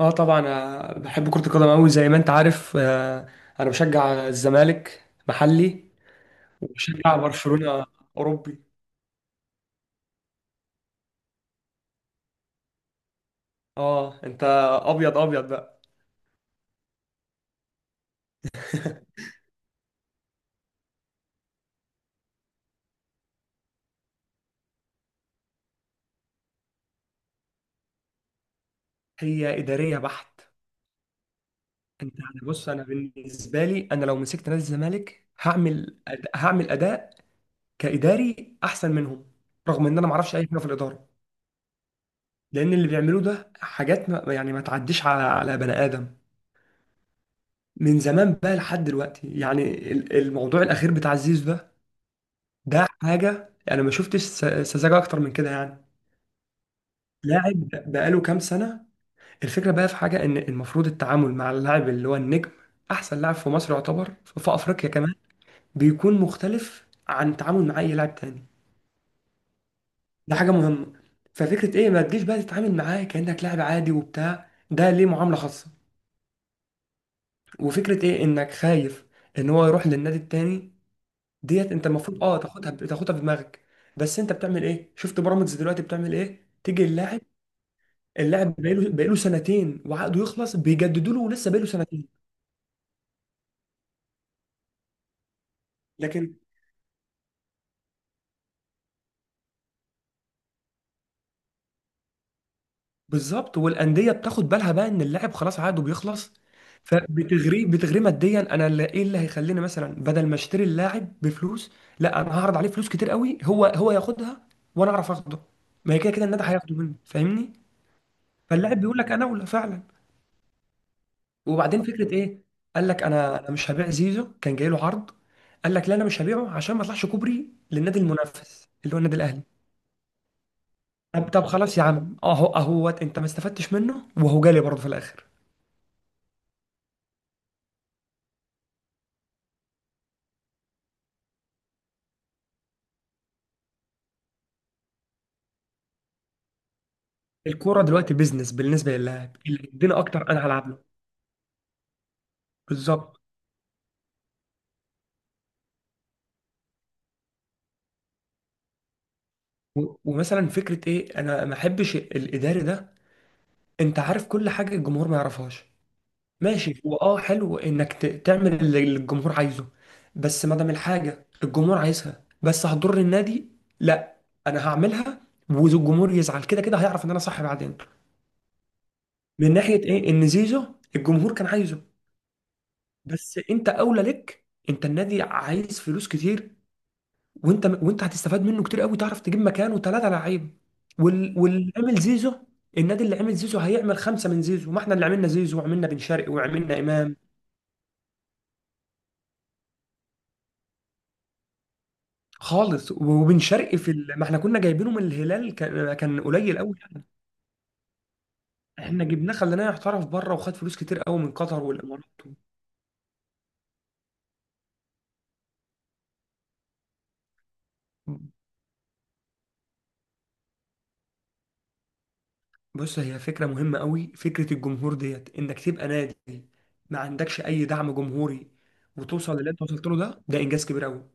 اه طبعا بحب كرة القدم قوي زي ما انت عارف انا بشجع الزمالك محلي، وبشجع برشلونة اوروبي. اه انت ابيض ابيض بقى. هي ادارية بحت. انت أنا بص، انا بالنسبة لي انا لو مسكت نادي الزمالك هعمل هعمل اداء كاداري احسن منهم، رغم ان انا ما اعرفش اي حاجة في الادارة، لان اللي بيعملوه ده حاجات ما... يعني ما تعديش على بني ادم، من زمان بقى لحد دلوقتي يعني. الموضوع الاخير بتاع زيزو ده، ده حاجه يعني ما شفتش سذاجه اكتر من كده يعني. لاعب بقاله كام سنه. الفكره بقى في حاجه ان المفروض التعامل مع اللاعب اللي هو النجم، احسن لاعب في مصر يعتبر، في افريقيا كمان، بيكون مختلف عن التعامل مع اي لاعب تاني. ده حاجه مهمه. ففكره ايه ما تجيش بقى تتعامل معاه كانك لاعب عادي وبتاع ده، ليه معامله خاصه؟ وفكره ايه انك خايف ان هو يروح للنادي التاني. ديت انت المفروض اه تاخدها في دماغك. بس انت بتعمل ايه؟ شفت بيراميدز دلوقتي بتعمل ايه؟ تيجي اللاعب، اللاعب بقاله سنتين وعقده يخلص بيجددوا له ولسه بقاله سنتين. لكن بالظبط، والانديه بتاخد بالها بقى ان اللاعب خلاص عقده بيخلص، فبتغريه ماديا. انا اللي ايه اللي هيخليني مثلا بدل ما اشتري اللاعب بفلوس، لا انا هعرض عليه فلوس كتير قوي هو ياخدها وانا اعرف اخده. ما هي كده كده النادي هياخده مني فاهمني. فاللاعب بيقول لك انا اولى فعلا. وبعدين فكره ايه، قال لك انا مش هبيع زيزو، كان جاي له عرض، قال لك لا انا مش هبيعه عشان ما اطلعش كوبري للنادي المنافس اللي هو النادي الاهلي. طب طب خلاص يا عم، اهو اهوت انت ما استفدتش منه وهو جالي برضه في الاخر. الكوره دلوقتي بيزنس، بالنسبه للاعب اللي يدينا اكتر انا هلعب له. بالظبط. ومثلا فكره ايه، انا ما احبش الاداري ده، انت عارف كل حاجه الجمهور ما يعرفهاش. ماشي هو اه حلو انك تعمل اللي الجمهور عايزه، بس ما دام الحاجه الجمهور عايزها بس هتضر النادي، لا انا هعملها والجمهور يزعل، كده كده هيعرف ان انا صح بعدين. من ناحيه ايه ان زيزو، الجمهور كان عايزه، بس انت اولى لك، انت النادي عايز فلوس كتير، وانت هتستفاد منه كتير قوي، تعرف تجيب مكانه ثلاثه لعيب. واللي عامل زيزو، النادي اللي عامل زيزو هيعمل خمسه من زيزو. ما احنا اللي عملنا زيزو وعملنا بن شرقي وعملنا امام خالص. وبن شرقي في ما احنا كنا جايبينه من الهلال، كان قليل قوي يعني. احنا جبناه خليناه يحترف بره وخد فلوس كتير قوي من قطر والامارات. بص هي فكرة مهمة قوي، فكرة الجمهور ديت، انك تبقى نادي ما عندكش اي دعم جمهوري وتوصل للي انت وصلت له، ده ده انجاز كبير قوي.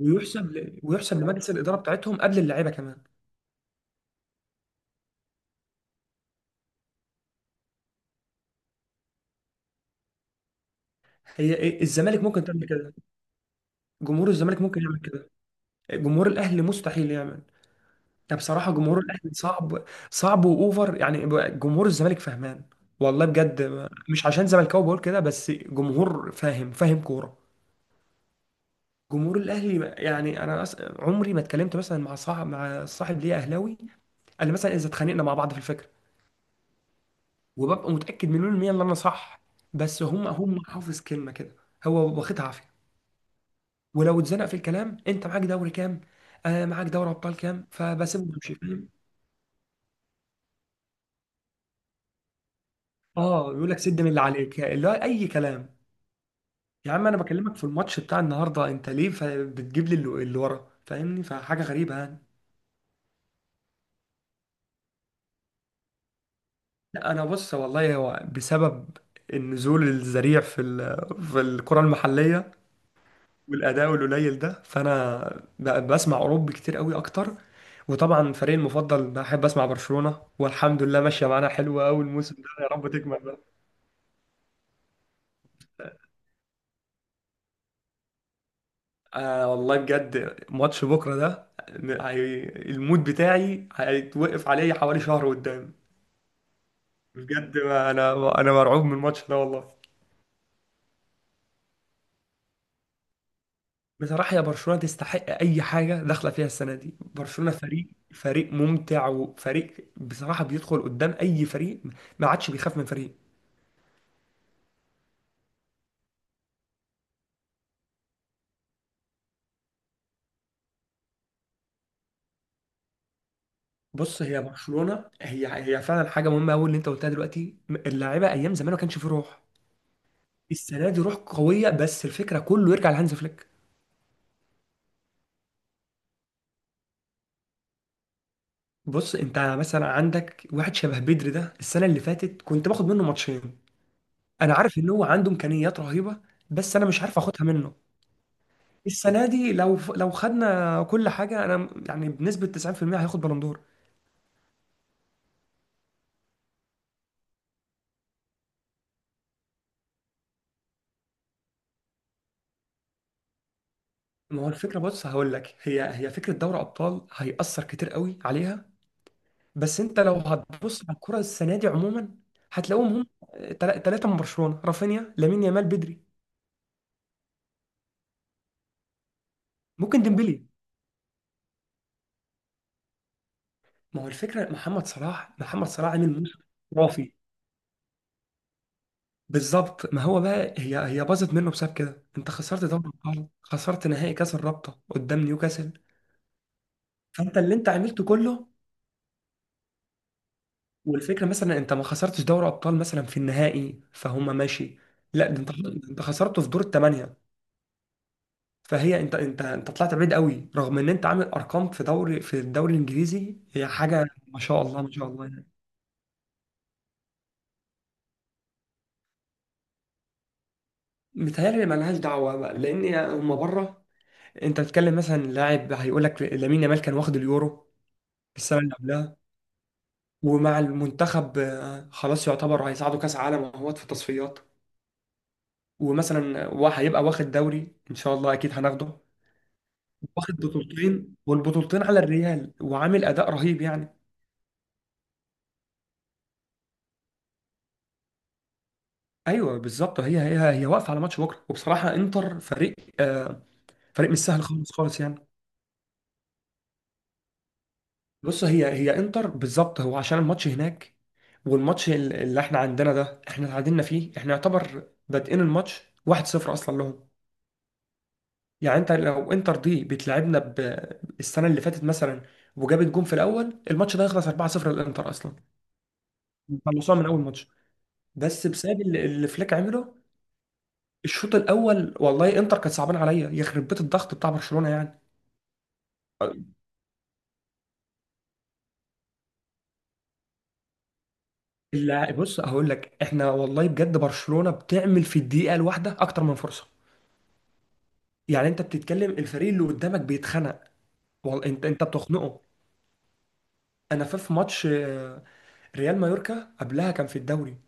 ويحسب لمجلس الاداره بتاعتهم قبل اللعيبه كمان. هي إيه؟ الزمالك ممكن تعمل كده، جمهور الزمالك ممكن يعمل كده، جمهور الاهلي مستحيل يعمل. ده بصراحه جمهور الاهلي صعب، صعب واوفر يعني. جمهور الزمالك فهمان والله بجد، مش عشان زملكاوي بقول كده، بس جمهور فاهم، فاهم كوره. جمهور الاهلي يعني انا عمري ما اتكلمت مثلا مع صاحب ليا اهلاوي الا مثلا اذا اتخانقنا مع بعض في الفكره، وببقى متاكد مليون المية ان انا صح، بس هم حافظ كلمه كده، هو واخدها عافيه. ولو اتزنق في الكلام، انت معاك دوري كام؟ آه معاك دوري ابطال كام؟ فبسيبه ويمشي فاهم. اه يقول لك سد من اللي عليك، اللي هو اي كلام. يا عم انا بكلمك في الماتش بتاع النهارده، انت ليه بتجيب لي اللي ورا، فاهمني؟ فحاجه غريبه يعني. لا انا بص والله، هو بسبب النزول الذريع في في الكره المحليه والاداء القليل ده، فانا بقى بسمع اوروبي كتير قوي اكتر. وطبعا فريقي المفضل بحب اسمع برشلونه، والحمد لله ماشيه معانا حلوه قوي الموسم ده، يا رب تكمل بقى. آه والله بجد، ماتش بكره ده، المود بتاعي هيتوقف عليه حوالي شهر قدام. بجد ما انا، انا مرعوب من الماتش ده والله. بصراحة يا برشلونة تستحق أي حاجة داخلة فيها السنة دي، برشلونة فريق، فريق ممتع، وفريق بصراحة بيدخل قدام أي فريق، ما عادش بيخاف من فريق. بص، هي برشلونة هي فعلا حاجة مهمة أوي اللي أنت قلتها دلوقتي، اللاعيبة أيام زمان ما كانش فيه روح، السنة دي روح قوية، بس الفكرة كله يرجع لهانز فليك. بص أنت مثلا عندك واحد شبه بدري ده، السنة اللي فاتت كنت باخد منه ماتشين، أنا عارف إن هو عنده إمكانيات رهيبة بس أنا مش عارف آخدها منه. السنه دي لو خدنا كل حاجه انا يعني بنسبه 90% هياخد بالون دور. ما هو الفكره، بص هقول لك، هي فكره دوري ابطال هيأثر كتير قوي عليها، بس انت لو هتبص على الكره السنه دي عموما، هتلاقوهم هم ثلاثه من برشلونه: رافينيا، لامين يامال، بدري. ممكن ديمبلي. ما هو الفكره، محمد صلاح، محمد صلاح، عامل موسم خرافي. بالظبط، ما هو بقى هي باظت منه بسبب كده، انت خسرت دوري الابطال، خسرت نهائي كاس الرابطه قدام نيوكاسل، فانت اللي انت عملته كله. والفكره مثلا انت ما خسرتش دوري ابطال مثلا في النهائي، فهم ماشي، لا ده انت، خسرته في دور الثمانيه، فهي انت طلعت بعيد قوي، رغم ان انت عامل ارقام في دوري، في الدوري الانجليزي، هي حاجه ما شاء الله، ما شاء الله يعني. متهيألي مالهاش دعوه بقى لان هم بره. انت بتتكلم مثلا لاعب هيقول لك لامين يامال كان واخد اليورو السنه اللي قبلها، ومع المنتخب خلاص يعتبر هيصعدوا كاس عالم اهوت في التصفيات. ومثلا هو هيبقى واخد دوري ان شاء الله، اكيد هناخده، واخد بطولتين، والبطولتين على الريال، وعامل اداء رهيب يعني. ايوه بالظبط، هي واقفه على ماتش بكره. وبصراحه انتر فريق، آه، فريق مش سهل خالص، خالص يعني. بص، هي انتر بالظبط هو عشان الماتش هناك، والماتش اللي احنا عندنا ده احنا اتعادلنا فيه، احنا يعتبر بادئين الماتش 1-0 اصلا لهم. يعني انت لو انتر دي بتلعبنا السنه اللي فاتت مثلا، وجابت جون في الاول، الماتش ده يخلص 4-0 للانتر اصلا، خلصوها من اول ماتش. بس بسبب اللي فليك عمله الشوط الاول، والله انتر كانت صعبان عليا، يخرب بيت الضغط بتاع برشلونه يعني. لا بص هقول لك، احنا والله بجد برشلونه بتعمل في الدقيقه الواحده اكتر من فرصه، يعني انت بتتكلم الفريق اللي قدامك بيتخنق، انت بتخنقه. انا في في ماتش ريال مايوركا قبلها كان في الدوري،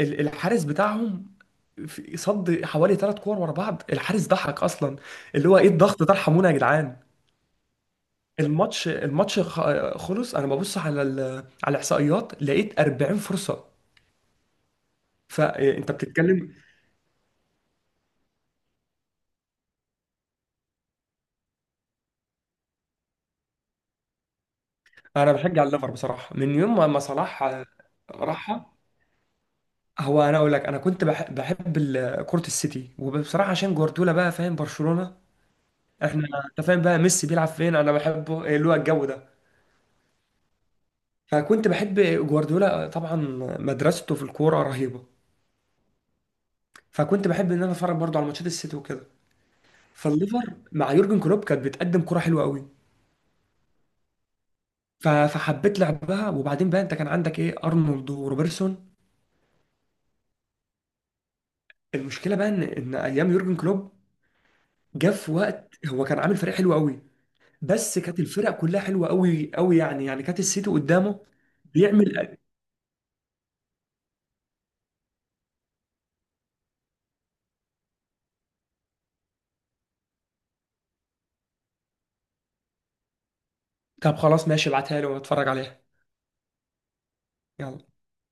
الحارس بتاعهم صد حوالي ثلاث كور ورا بعض، الحارس ضحك اصلا، اللي هو ايه الضغط ده، ارحمونا يا جدعان. الماتش خلص، انا ببص على على الاحصائيات لقيت 40 فرصه، فانت بتتكلم. انا بشجع الليفر بصراحه من يوم ما صلاح راحها. هو انا اقول لك، انا كنت بحب كره السيتي، وبصراحه عشان جوارديولا بقى، فاهم برشلونه احنا، انت فاهم بقى ميسي بيلعب فين انا بحبه، إيه اللي هو الجو ده. فكنت بحب جوارديولا طبعا، مدرسته في الكوره رهيبه، فكنت بحب ان انا اتفرج برضه على ماتشات السيتي وكده. فالليفر مع يورجن كلوب كانت بتقدم كره حلوه قوي، فحبيت لعبها. وبعدين بقى انت كان عندك ايه، ارنولد وروبرتسون. المشكله بقى ان ايام يورجن كلوب، جه في وقت هو كان عامل فريق حلو قوي، بس كانت الفرق كلها حلوه قوي قوي يعني، يعني كانت السيتي قدامه بيعمل. طب خلاص ماشي، ابعتها لي واتفرج عليها. يلا.